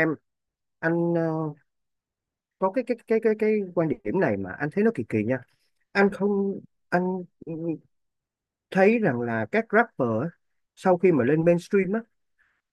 Em anh, có cái quan điểm này mà anh thấy nó kỳ kỳ nha. Anh không, anh ừ, thấy rằng là các rapper á, sau khi mà lên mainstream á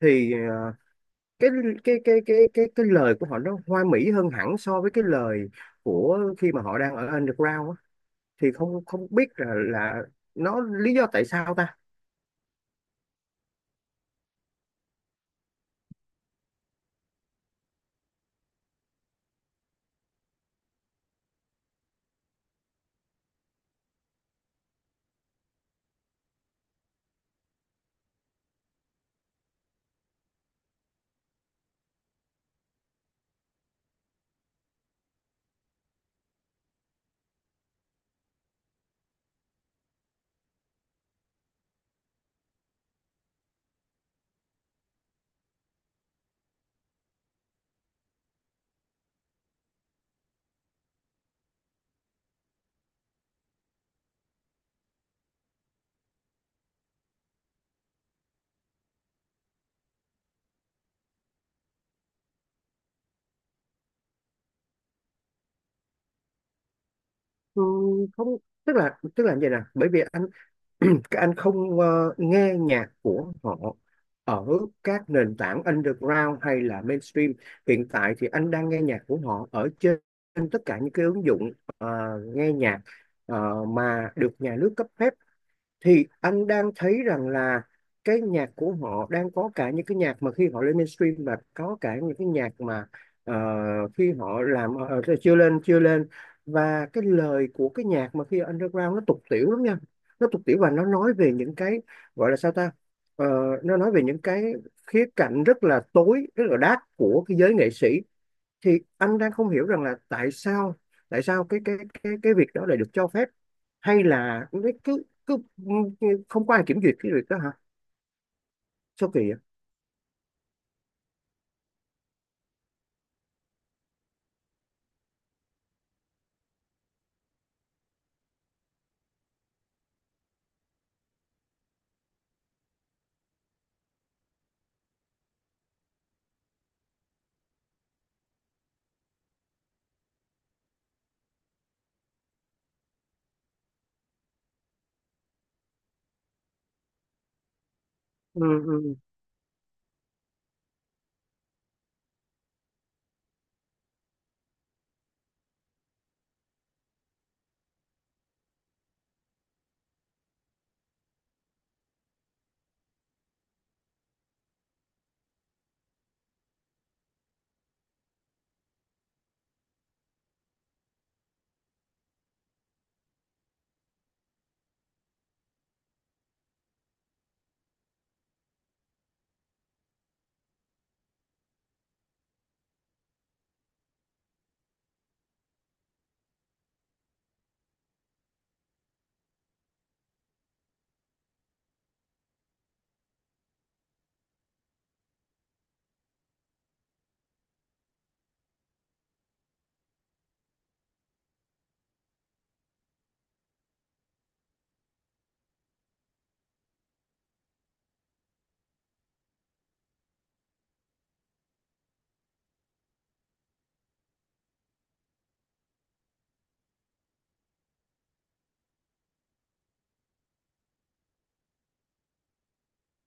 thì cái cái lời của họ nó hoa mỹ hơn hẳn so với cái lời của khi mà họ đang ở underground á, thì không không biết là nó lý do tại sao ta. Ừ, không, tức là như vậy nè, bởi vì anh các anh không nghe nhạc của họ ở các nền tảng underground hay là mainstream hiện tại. Thì anh đang nghe nhạc của họ ở trên tất cả những cái ứng dụng ờ, nghe nhạc mà được nhà nước cấp phép. Thì anh đang thấy rằng là cái nhạc của họ đang có cả những cái nhạc mà khi họ lên mainstream, và có cả những cái nhạc mà ờ, khi họ làm chưa lên chưa lên. Và cái lời của cái nhạc mà khi underground nó tục tiểu lắm nha. Nó tục tiểu và nó nói về những cái gọi là sao ta. Ờ, nó nói về những cái khía cạnh rất là tối, rất là dark của cái giới nghệ sĩ. Thì anh đang không hiểu rằng là tại sao, tại sao cái cái cái việc đó lại được cho phép, hay là cái- cứ cứ không có ai kiểm duyệt cái việc đó hả. Sao kỳ vậy. Ừ, ừ,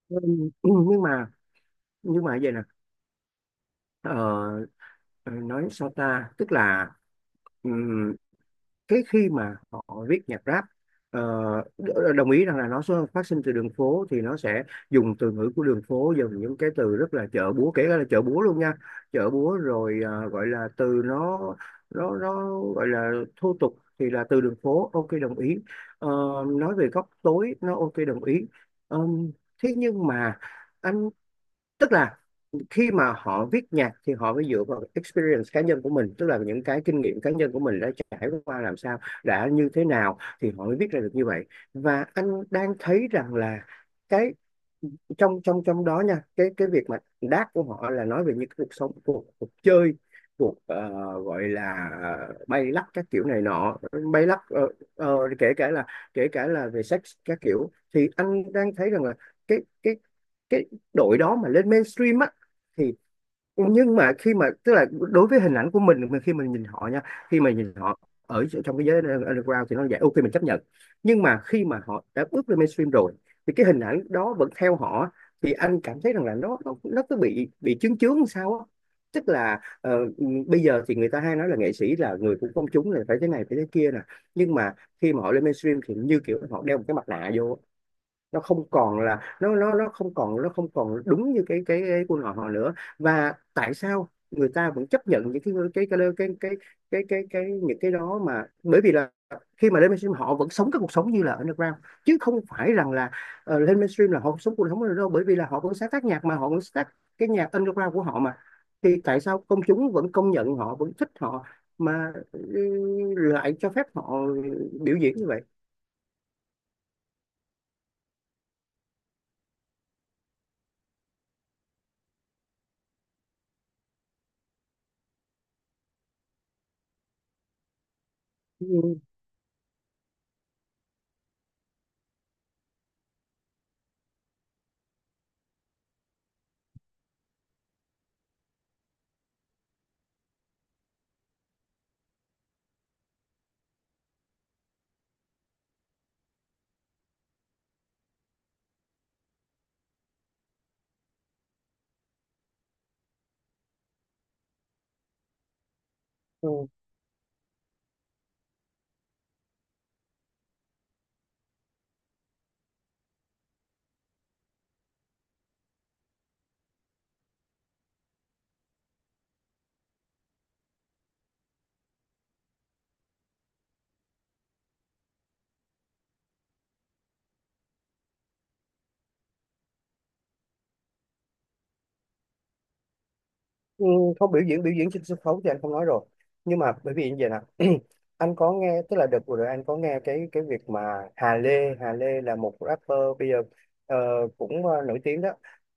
ừ, ừ, ừ, nhưng mà vậy nè, ờ, nói sao ta, tức là ừ, thế khi mà họ viết nhạc rap, ờ, đồng ý rằng là nó phát sinh từ đường phố, thì nó sẽ dùng từ ngữ của đường phố, dùng những cái từ rất là chợ búa, kể cả là chợ búa luôn nha. Chợ búa, rồi gọi là từ nó gọi là thô tục, thì là từ đường phố, ok, đồng ý. Ờ, nói về góc tối nó ok, đồng ý. Ờm, Thế nhưng mà anh, tức là khi mà họ viết nhạc thì họ phải dựa vào experience cá nhân của mình, tức là những cái kinh nghiệm cá nhân của mình đã trải qua làm sao, đã như thế nào, thì họ mới viết ra được như vậy. Và anh đang thấy rằng là cái trong trong trong đó nha, cái việc mà đát của họ là nói về những cái cuộc sống, cuộc chơi, cuộc gọi là bay lắc các kiểu này nọ. Bay lắc, kể cả là về sex các kiểu. Thì anh đang thấy rằng là cái cái cái đội đó mà lên mainstream á thì, nhưng mà khi mà, tức là đối với hình ảnh của mình, khi mình nhìn họ nha, khi mà nhìn họ ở trong cái giới underground thì nó vậy, ok mình chấp nhận. Nhưng mà khi mà họ đã bước lên mainstream rồi thì cái hình ảnh đó vẫn theo họ, thì anh cảm thấy rằng là nó cứ bị chướng chướng làm sao á. Tức là bây giờ thì người ta hay nói là nghệ sĩ là người của công chúng, là phải thế này phải thế kia nè. Nhưng mà khi mà họ lên mainstream thì như kiểu họ đeo một cái mặt nạ vô á. Nó không còn là nó không còn đúng như cái quân họ họ nữa. Và tại sao người ta vẫn chấp nhận những cái cái, những cái đó mà. Bởi vì là khi mà lên mainstream họ vẫn sống cái cuộc sống như là underground, chứ không phải rằng là lên mainstream là họ sống cuộc sống đâu, bởi vì là họ vẫn sáng tác nhạc mà, họ vẫn sáng tác cái nhạc underground của họ mà. Thì tại sao công chúng vẫn công nhận họ, vẫn thích họ mà lại cho phép họ biểu diễn như vậy. Ừ. Ừ. Ừ, không, biểu diễn trên sân khấu thì anh không nói rồi. Nhưng mà bởi vì như vậy nè, anh có nghe, tức là đợt vừa rồi anh có nghe cái việc mà Hà Lê, là một rapper bây giờ ờ, cũng nổi tiếng đó.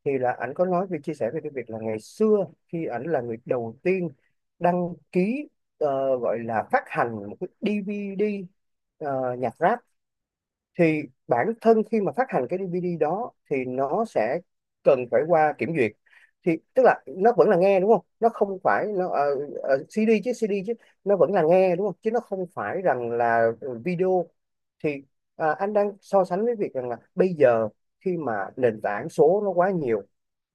Thì là anh có nói về, chia sẻ về cái việc là ngày xưa khi ảnh là người đầu tiên đăng ký gọi là phát hành một cái DVD nhạc rap, thì bản thân khi mà phát hành cái DVD đó thì nó sẽ cần phải qua kiểm duyệt. Thì tức là nó vẫn là nghe đúng không, nó không phải nó CD chứ, CD chứ, nó vẫn là nghe đúng không chứ, nó không phải rằng là video. Thì à, anh đang so sánh với việc rằng là bây giờ khi mà nền tảng số nó quá nhiều,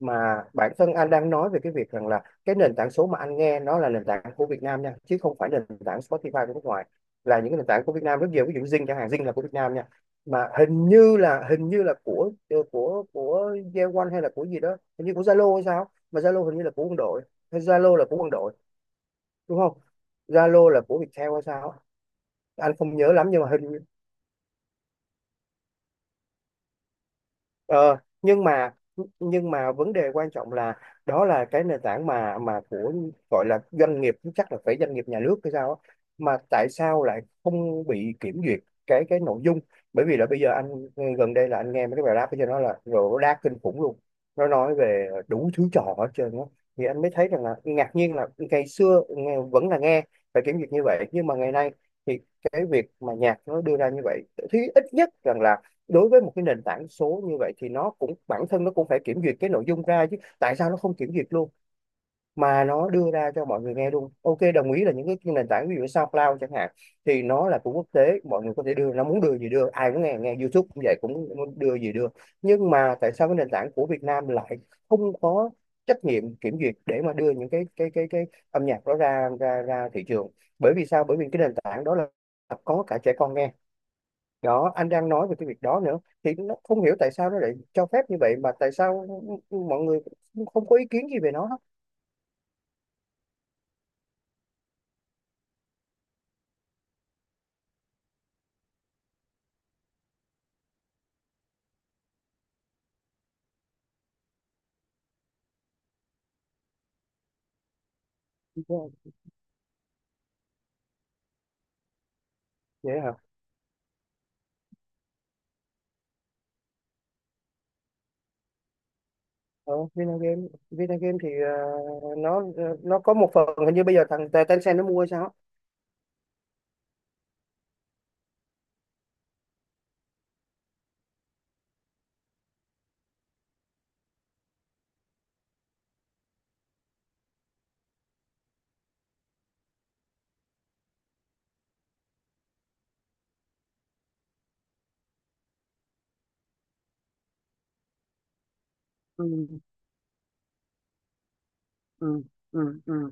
mà bản thân anh đang nói về cái việc rằng là cái nền tảng số mà anh nghe, nó là nền tảng của Việt Nam nha, chứ không phải nền tảng Spotify của nước ngoài, là những cái nền tảng của Việt Nam rất nhiều, ví dụ Zing chẳng hạn. Zing là của Việt Nam nha, mà hình như là của của Yeowon hay là của gì đó, hình như của Zalo hay sao, mà Zalo hình như là của quân đội, hay Zalo là của quân đội đúng không. Zalo là của Viettel hay sao á, anh không nhớ lắm nhưng mà hình. Ờ, nhưng mà vấn đề quan trọng là đó là cái nền tảng mà của gọi là doanh nghiệp, chắc là phải doanh nghiệp nhà nước hay sao á, mà tại sao lại không bị kiểm duyệt cái nội dung. Bởi vì là bây giờ anh, gần đây là anh nghe mấy cái bài rap cho nó là rồi, rap kinh khủng luôn, nó nói về đủ thứ trò hết trơn á. Thì anh mới thấy rằng là ngạc nhiên là ngày xưa nghe, vẫn là nghe phải kiểm duyệt như vậy, nhưng mà ngày nay thì cái việc mà nhạc nó đưa ra như vậy, thì ít nhất rằng là đối với một cái nền tảng số như vậy thì nó cũng, bản thân nó cũng phải kiểm duyệt cái nội dung ra chứ, tại sao nó không kiểm duyệt luôn mà nó đưa ra cho mọi người nghe luôn. Ok đồng ý là những cái nền tảng ví dụ như SoundCloud chẳng hạn thì nó là của quốc tế, mọi người có thể đưa, nó muốn đưa gì đưa, ai cũng nghe, nghe YouTube cũng vậy cũng muốn đưa gì đưa. Nhưng mà tại sao cái nền tảng của Việt Nam lại không có trách nhiệm kiểm duyệt để mà đưa những cái cái âm nhạc đó ra ra ra thị trường. Bởi vì sao, bởi vì cái nền tảng đó là có cả trẻ con nghe. Đó anh đang nói về cái việc đó nữa, thì nó không hiểu tại sao nó lại cho phép như vậy, mà tại sao mọi người cũng không có ý kiến gì về nó hết. Vâng. Vậy hả. Ờ, Vinagame, Vinagame thì nó nó có một phần hình như bây giờ thằng Tencent nó mua hay sao á. Ừ, ừ, ừ, ừ,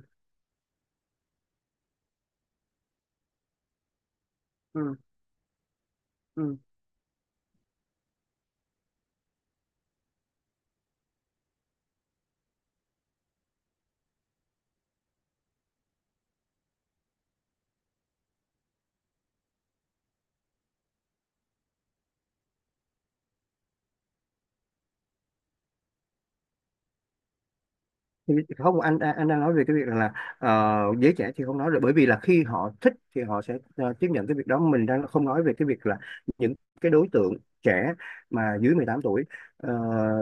ừ, ừ. Không, anh đang nói về cái việc rằng là giới trẻ thì không nói rồi, bởi vì là khi họ thích thì họ sẽ tiếp nhận cái việc đó. Mình đang không nói về cái việc là những cái đối tượng trẻ mà dưới 18 tuổi ờ,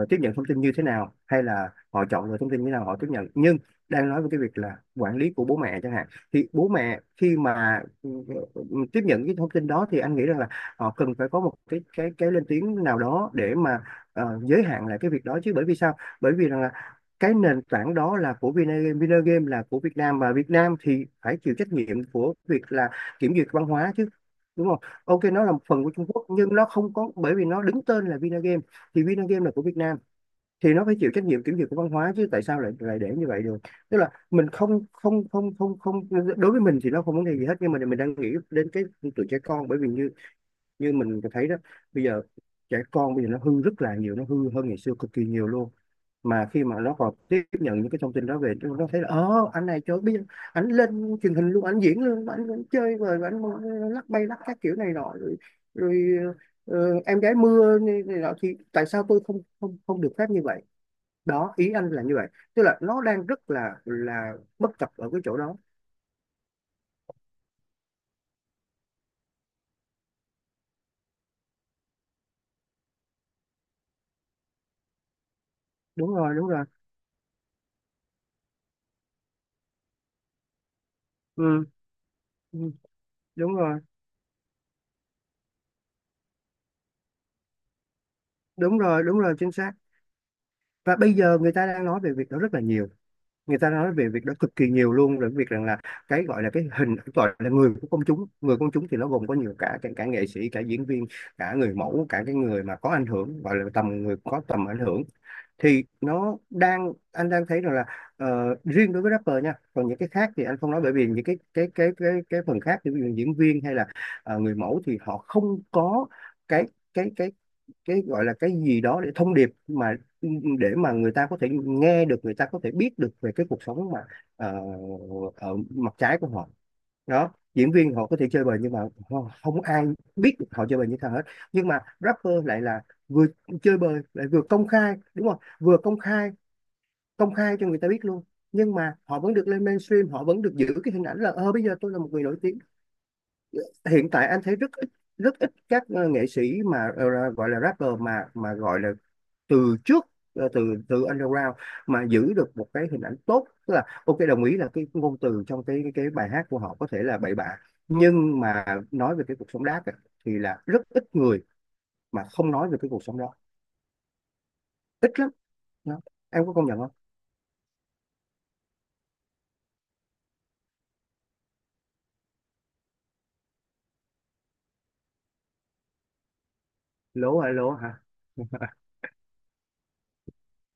tiếp nhận thông tin như thế nào, hay là họ chọn lựa thông tin như thế nào họ tiếp nhận, nhưng đang nói về cái việc là quản lý của bố mẹ chẳng hạn. Thì bố mẹ khi mà ừ, tiếp nhận cái thông tin đó thì anh nghĩ rằng là họ cần phải có một cái cái lên tiếng nào đó để mà giới hạn lại cái việc đó chứ. Bởi vì sao, bởi vì rằng cái nền tảng đó là của Vinagame, Vinagame là của Việt Nam, và Việt Nam thì phải chịu trách nhiệm của việc là kiểm duyệt văn hóa chứ, đúng không? Ok nó là một phần của Trung Quốc nhưng nó không có, bởi vì nó đứng tên là Vinagame, thì Vinagame là của Việt Nam thì nó phải chịu trách nhiệm kiểm duyệt của văn hóa chứ, tại sao lại lại để như vậy được? Tức là mình không không không không không đối với mình thì nó không vấn đề gì hết, nhưng mà mình đang nghĩ đến cái tụi trẻ con. Bởi vì như như mình thấy đó, bây giờ trẻ con bây giờ nó hư rất là nhiều, nó hư hơn ngày xưa cực kỳ nhiều luôn. Mà khi mà nó còn tiếp nhận những cái thông tin đó về, nó thấy là anh này trời biết, anh lên truyền hình luôn, anh diễn luôn anh chơi rồi anh lắc bay lắc các kiểu này nọ rồi, rồi ờ, em gái mưa này, này nọ, thì tại sao tôi không không không được phép như vậy? Đó, ý anh là như vậy. Tức là nó đang rất là bất cập ở cái chỗ đó. Đúng rồi, đúng rồi. Ừ, ừ, đúng rồi. Đúng rồi, đúng rồi, chính xác. Và bây giờ người ta đang nói về việc đó rất là nhiều, người ta nói về việc đó cực kỳ nhiều luôn. Rồi việc rằng là cái gọi là cái hình, gọi là người của công chúng, người công chúng thì nó gồm có nhiều, cả cả, cả nghệ sĩ, cả diễn viên, cả người mẫu, cả cái người mà có ảnh hưởng, gọi là tầm người có tầm ảnh hưởng. Thì nó đang, anh đang thấy rằng là ờ, riêng đối với rapper nha, còn những cái khác thì anh không nói. Bởi vì những cái phần khác thì ví dụ diễn viên hay là người mẫu thì họ không có cái cái cái cái gọi là cái gì đó để thông điệp, mà để mà người ta có thể nghe được, người ta có thể biết được về cái cuộc sống mà ờ, ở mặt trái của họ. Đó, diễn viên họ có thể chơi bời, nhưng mà không ai biết được họ chơi bời như thế nào hết. Nhưng mà rapper lại là vừa chơi bời lại vừa công khai, đúng không, vừa công khai, công khai cho người ta biết luôn. Nhưng mà họ vẫn được lên mainstream, họ vẫn được giữ cái hình ảnh là ờ bây giờ tôi là một người nổi tiếng. Hiện tại anh thấy rất ít, rất ít các nghệ sĩ mà gọi là rapper mà gọi là từ trước, từ từ underground mà giữ được một cái hình ảnh tốt. Tức là ok, đồng ý là cái ngôn từ trong cái bài hát của họ có thể là bậy bạ, nhưng mà nói về cái cuộc sống đáp á, thì là rất ít người mà không nói về cái cuộc sống đó. Ít lắm đó. Em có công nhận không? Lố hả? Lố hả?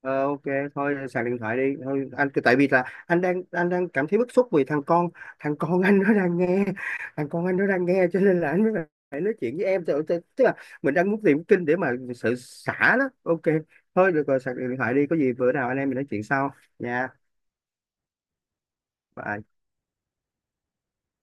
Ờ, ok, thôi sạc điện thoại đi thôi anh. Tại vì là anh đang, anh đang cảm thấy bức xúc vì thằng con, thằng con anh nó đang nghe, thằng con anh nó đang nghe cho nên là anh mới phải nói chuyện với em. Tức tức- tức là mình đang muốn tìm kinh để mà sự xả đó. Ok, thôi được rồi, sạc điện thoại đi, có gì bữa nào anh em mình nói chuyện sau nha. Bye.